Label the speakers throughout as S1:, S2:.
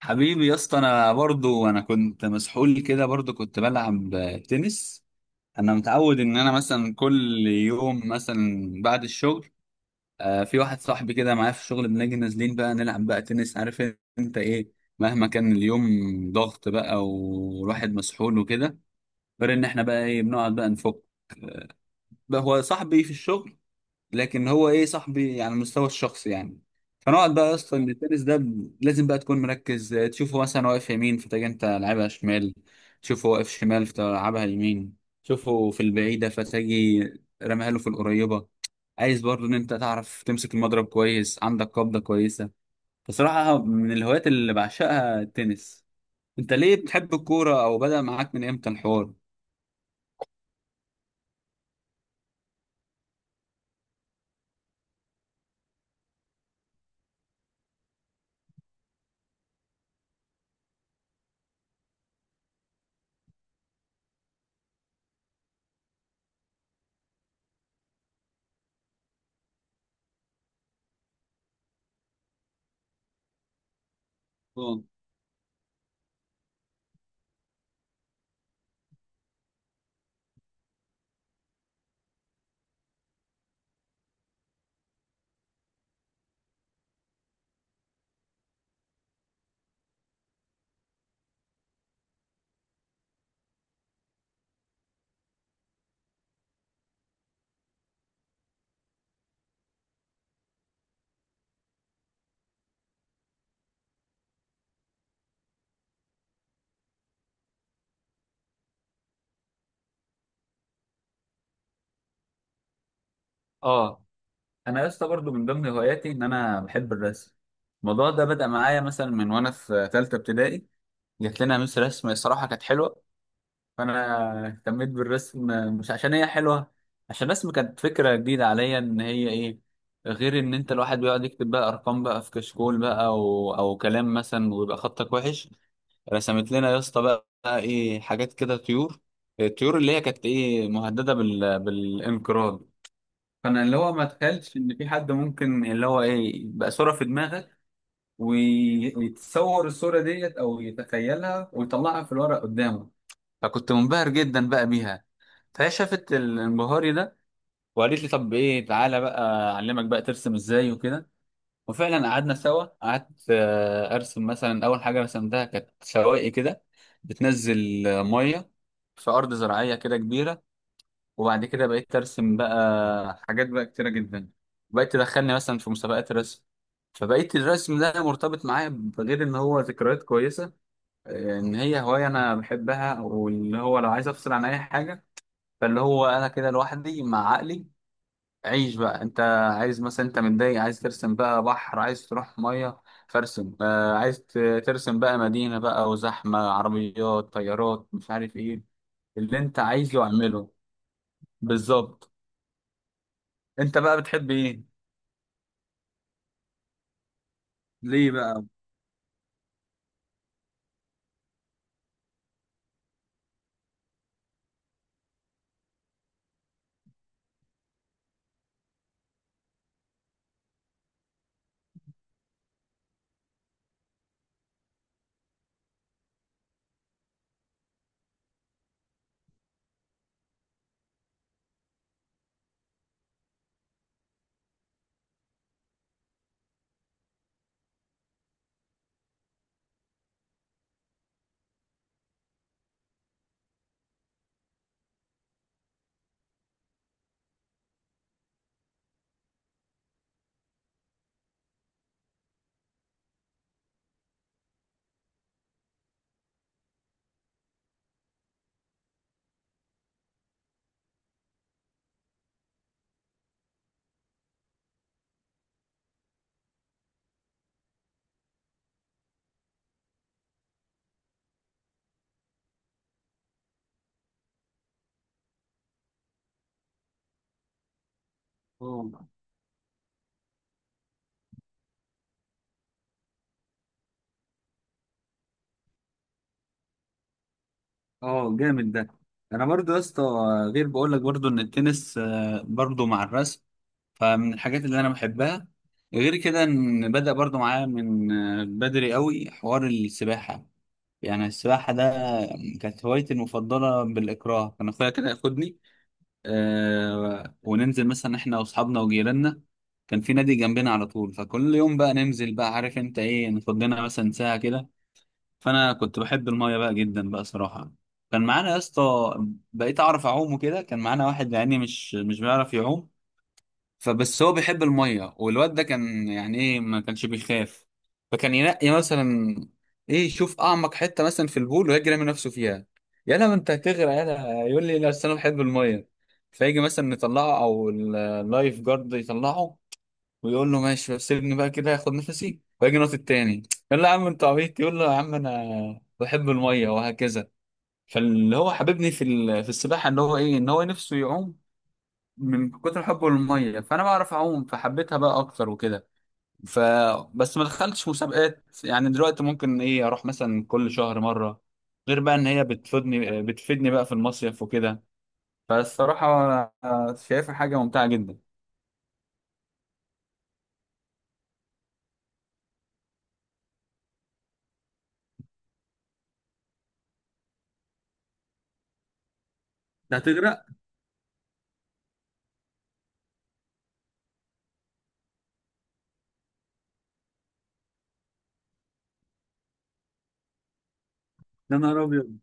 S1: حبيبي يا اسطى، انا برضو كنت مسحول كده برضو كنت بلعب تنس. انا متعود ان انا مثلا كل يوم مثلا بعد الشغل، في واحد صاحبي كده معايا في الشغل بنيجي نازلين بقى نلعب بقى تنس. عارف انت ايه، مهما كان اليوم ضغط بقى والواحد مسحول وكده، غير ان احنا بقى ايه بنقعد بقى نفك. بقى هو صاحبي في الشغل، لكن هو ايه صاحبي يعني على المستوى الشخصي يعني. فنقعد بقى يا اسطى إن التنس ده لازم بقى تكون مركز. تشوفه مثلا واقف يمين فتجي انت لعبها شمال، تشوفه واقف شمال فتلعبها يمين، تشوفه في البعيدة فتجي رميها له في القريبة. عايز برضه ان انت تعرف تمسك المضرب كويس، عندك قبضة كويسة. بصراحة من الهوايات اللي بعشقها التنس. انت ليه بتحب الكورة، او بدأ معاك من امتى الحوار؟ آه. اه، انا يا اسطى برضه من ضمن هواياتي ان انا بحب الرسم. الموضوع ده بدأ معايا مثلا من وانا في ثالثه ابتدائي. جات لنا مس رسم الصراحه كانت حلوه، فانا اهتميت بالرسم. مش عشان هي حلوه، عشان الرسم كانت فكره جديده عليا، ان هي ايه غير ان انت الواحد بيقعد يكتب بقى ارقام بقى في كشكول بقى او كلام مثلا ويبقى خطك وحش. رسمت لنا يا اسطى بقى ايه حاجات كده طيور، الطيور اللي هي كانت ايه مهدده بالانقراض. فانا اللي هو ما اتخيلتش ان في حد ممكن اللي هو ايه يبقى صوره في دماغك ويتصور الصوره ديت او يتخيلها ويطلعها في الورق قدامه. فكنت منبهر جدا بقى بيها، فهي شافت الانبهاري ده وقالت لي طب ايه، تعالى بقى اعلمك بقى ترسم ازاي وكده. وفعلا قعدنا سوا، قعدت ارسم مثلا اول حاجه رسمتها كانت شواقي كده بتنزل ميه في ارض زراعيه كده كبيره. وبعد كده بقيت ارسم بقى حاجات بقى كتيره جدا، بقيت تدخلني مثلا في مسابقات رسم. فبقيت الرسم ده مرتبط معايا بغير ان هو ذكريات كويسه، ان هي هوايه انا بحبها، واللي هو لو عايز افصل عن اي حاجه، فاللي هو انا كده لوحدي مع عقلي. عيش بقى انت، عايز مثلا انت متضايق عايز ترسم بقى بحر، عايز تروح ميه فارسم. عايز ترسم بقى مدينه بقى وزحمه عربيات طيارات مش عارف ايه، اللي انت عايزه اعمله. بالظبط. انت بقى بتحب ايه؟ ليه بقى؟ اه. اه جامد ده. انا برضو يا اسطى، غير بقول لك برضو ان التنس برضو مع الرسم فمن الحاجات اللي انا بحبها. غير كده ان بدأ برضو معايا من بدري قوي حوار السباحة. يعني السباحة ده كانت هوايتي المفضلة بالإكراه، كان أخويا كده ياخدني وننزل مثلا إحنا وأصحابنا وجيراننا. كان في نادي جنبنا على طول، فكل يوم بقى ننزل بقى عارف أنت إيه ناخد لنا مثلا ساعة كده. فانا كنت بحب المايه بقى جدا بقى صراحه. كان معانا يا اسطى، بقيت اعرف اعوم وكده، كان معانا واحد يعني مش بيعرف يعوم، فبس هو بيحب المايه. والواد ده كان يعني ايه ما كانش بيخاف، فكان ينقي مثلا ايه يشوف اعمق حته مثلا في البول ويجري من نفسه فيها. يلا ما انت هتغرق، يلا يقول لي لا أصل انا بحب المايه. فيجي مثلا نطلعه او اللايف جارد يطلعه، ويقول له ماشي بس سيبني بقى كده اخد نفسي واجي نط التاني. يقول له يا عم انت عبيط، يقول له يا عم انا بحب الميه، وهكذا. فاللي هو حببني في في السباحه ان هو ايه ان هو نفسه يعوم، من كتر حبه للميه، فانا بعرف اعوم فحبيتها بقى اكتر وكده. ف بس ما دخلتش مسابقات، يعني دلوقتي ممكن ايه اروح مثلا كل شهر مره. غير بقى ان هي بتفيدني بقى في المصيف وكده. فالصراحه شايفها حاجه ممتعه جدا. ده هتغرق؟ يا نهار أبيض.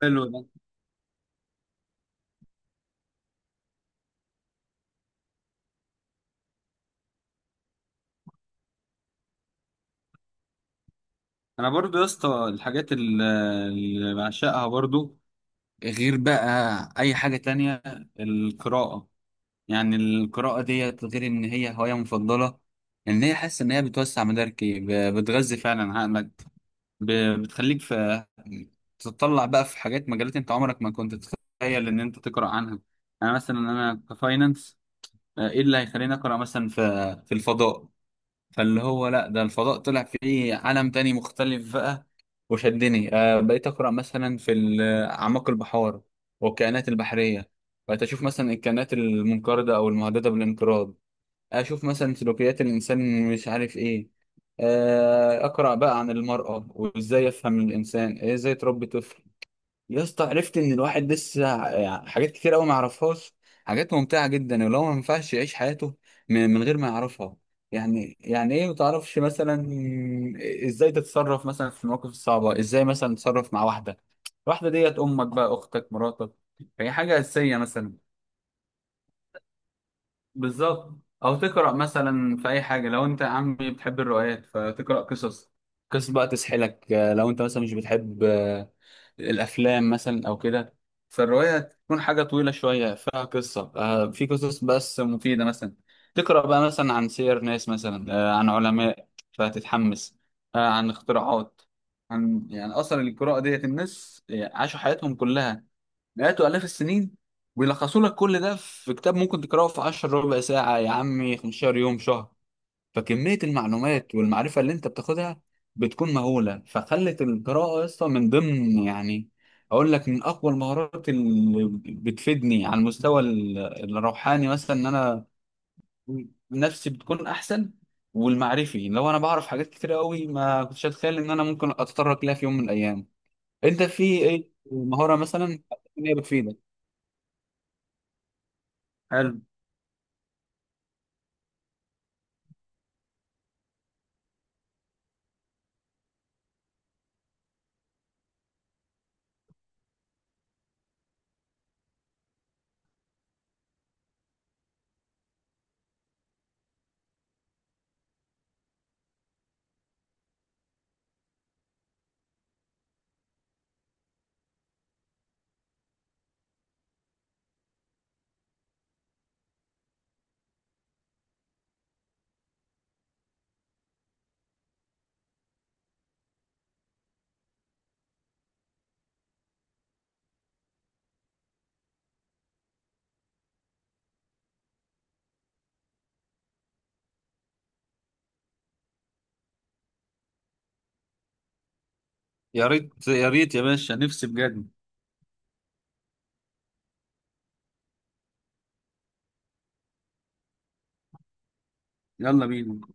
S1: حلو ده. انا برضو يا اسطى الحاجات اللي بعشقها برضو، غير بقى اي حاجة تانية، القراءة. يعني القراءة ديت غير ان هي هواية مفضلة، ان هي حاسس ان هي بتوسع مداركي، بتغذي فعلا عقلك، بتخليك في تطلع بقى في حاجات، مجالات انت عمرك ما كنت تتخيل ان انت تقرا عنها. انا مثلا كفاينانس، ايه اللي هيخليني اقرا مثلا في الفضاء؟ فاللي هو لا، ده الفضاء طلع فيه عالم تاني مختلف بقى وشدني. بقيت أقرأ مثلا في أعماق البحار والكائنات البحرية، بقيت أشوف مثلا الكائنات المنقرضة أو المهددة بالانقراض، أشوف مثلا سلوكيات الإنسان مش عارف إيه. أقرأ بقى عن المرأة وإزاي أفهم الإنسان، إزاي تربي طفل. يا اسطى، عرفت ان الواحد لسه يعني حاجات كتير قوي ما يعرفهاش، حاجات ممتعه جدا ولو ما ينفعش يعيش حياته من غير ما يعرفها. يعني ايه ما تعرفش مثلا ازاي تتصرف مثلا في المواقف الصعبه، ازاي مثلا تتصرف مع واحده، واحده ديت امك بقى، اختك، مراتك. هي حاجه اساسيه مثلا. بالظبط. او تقرا مثلا في اي حاجه، لو انت يا عمي بتحب الروايات فتقرا قصص، قصص بقى تسحلك. لو انت مثلا مش بتحب الافلام مثلا او كده، فالروايه تكون حاجه طويله شويه فيها قصه. في قصص بس مفيده مثلا، تقرا بقى مثلا عن سير ناس مثلا، عن علماء فتتحمس، عن اختراعات. عن يعني اصلا القراءه ديت، الناس عاشوا حياتهم كلها مئات وآلاف السنين ويلخصوا لك كل ده في كتاب ممكن تقراه في 10 ربع ساعة، يا عمي 15 يوم، شهر. فكمية المعلومات والمعرفة اللي انت بتاخدها بتكون مهولة، فخلت القراءة اصلا من ضمن يعني، اقول لك، من اقوى المهارات اللي بتفيدني على المستوى الروحاني مثلا، ان انا نفسي بتكون احسن، والمعرفي لو انا بعرف حاجات كتير قوي ما كنتش اتخيل ان انا ممكن اتطرق لها في يوم من الايام. انت في ايه مهارة مثلا إن هي بتفيدك؟ حلو. يا ريت يا ريت يا باشا، نفسي بجد. يلا بينا.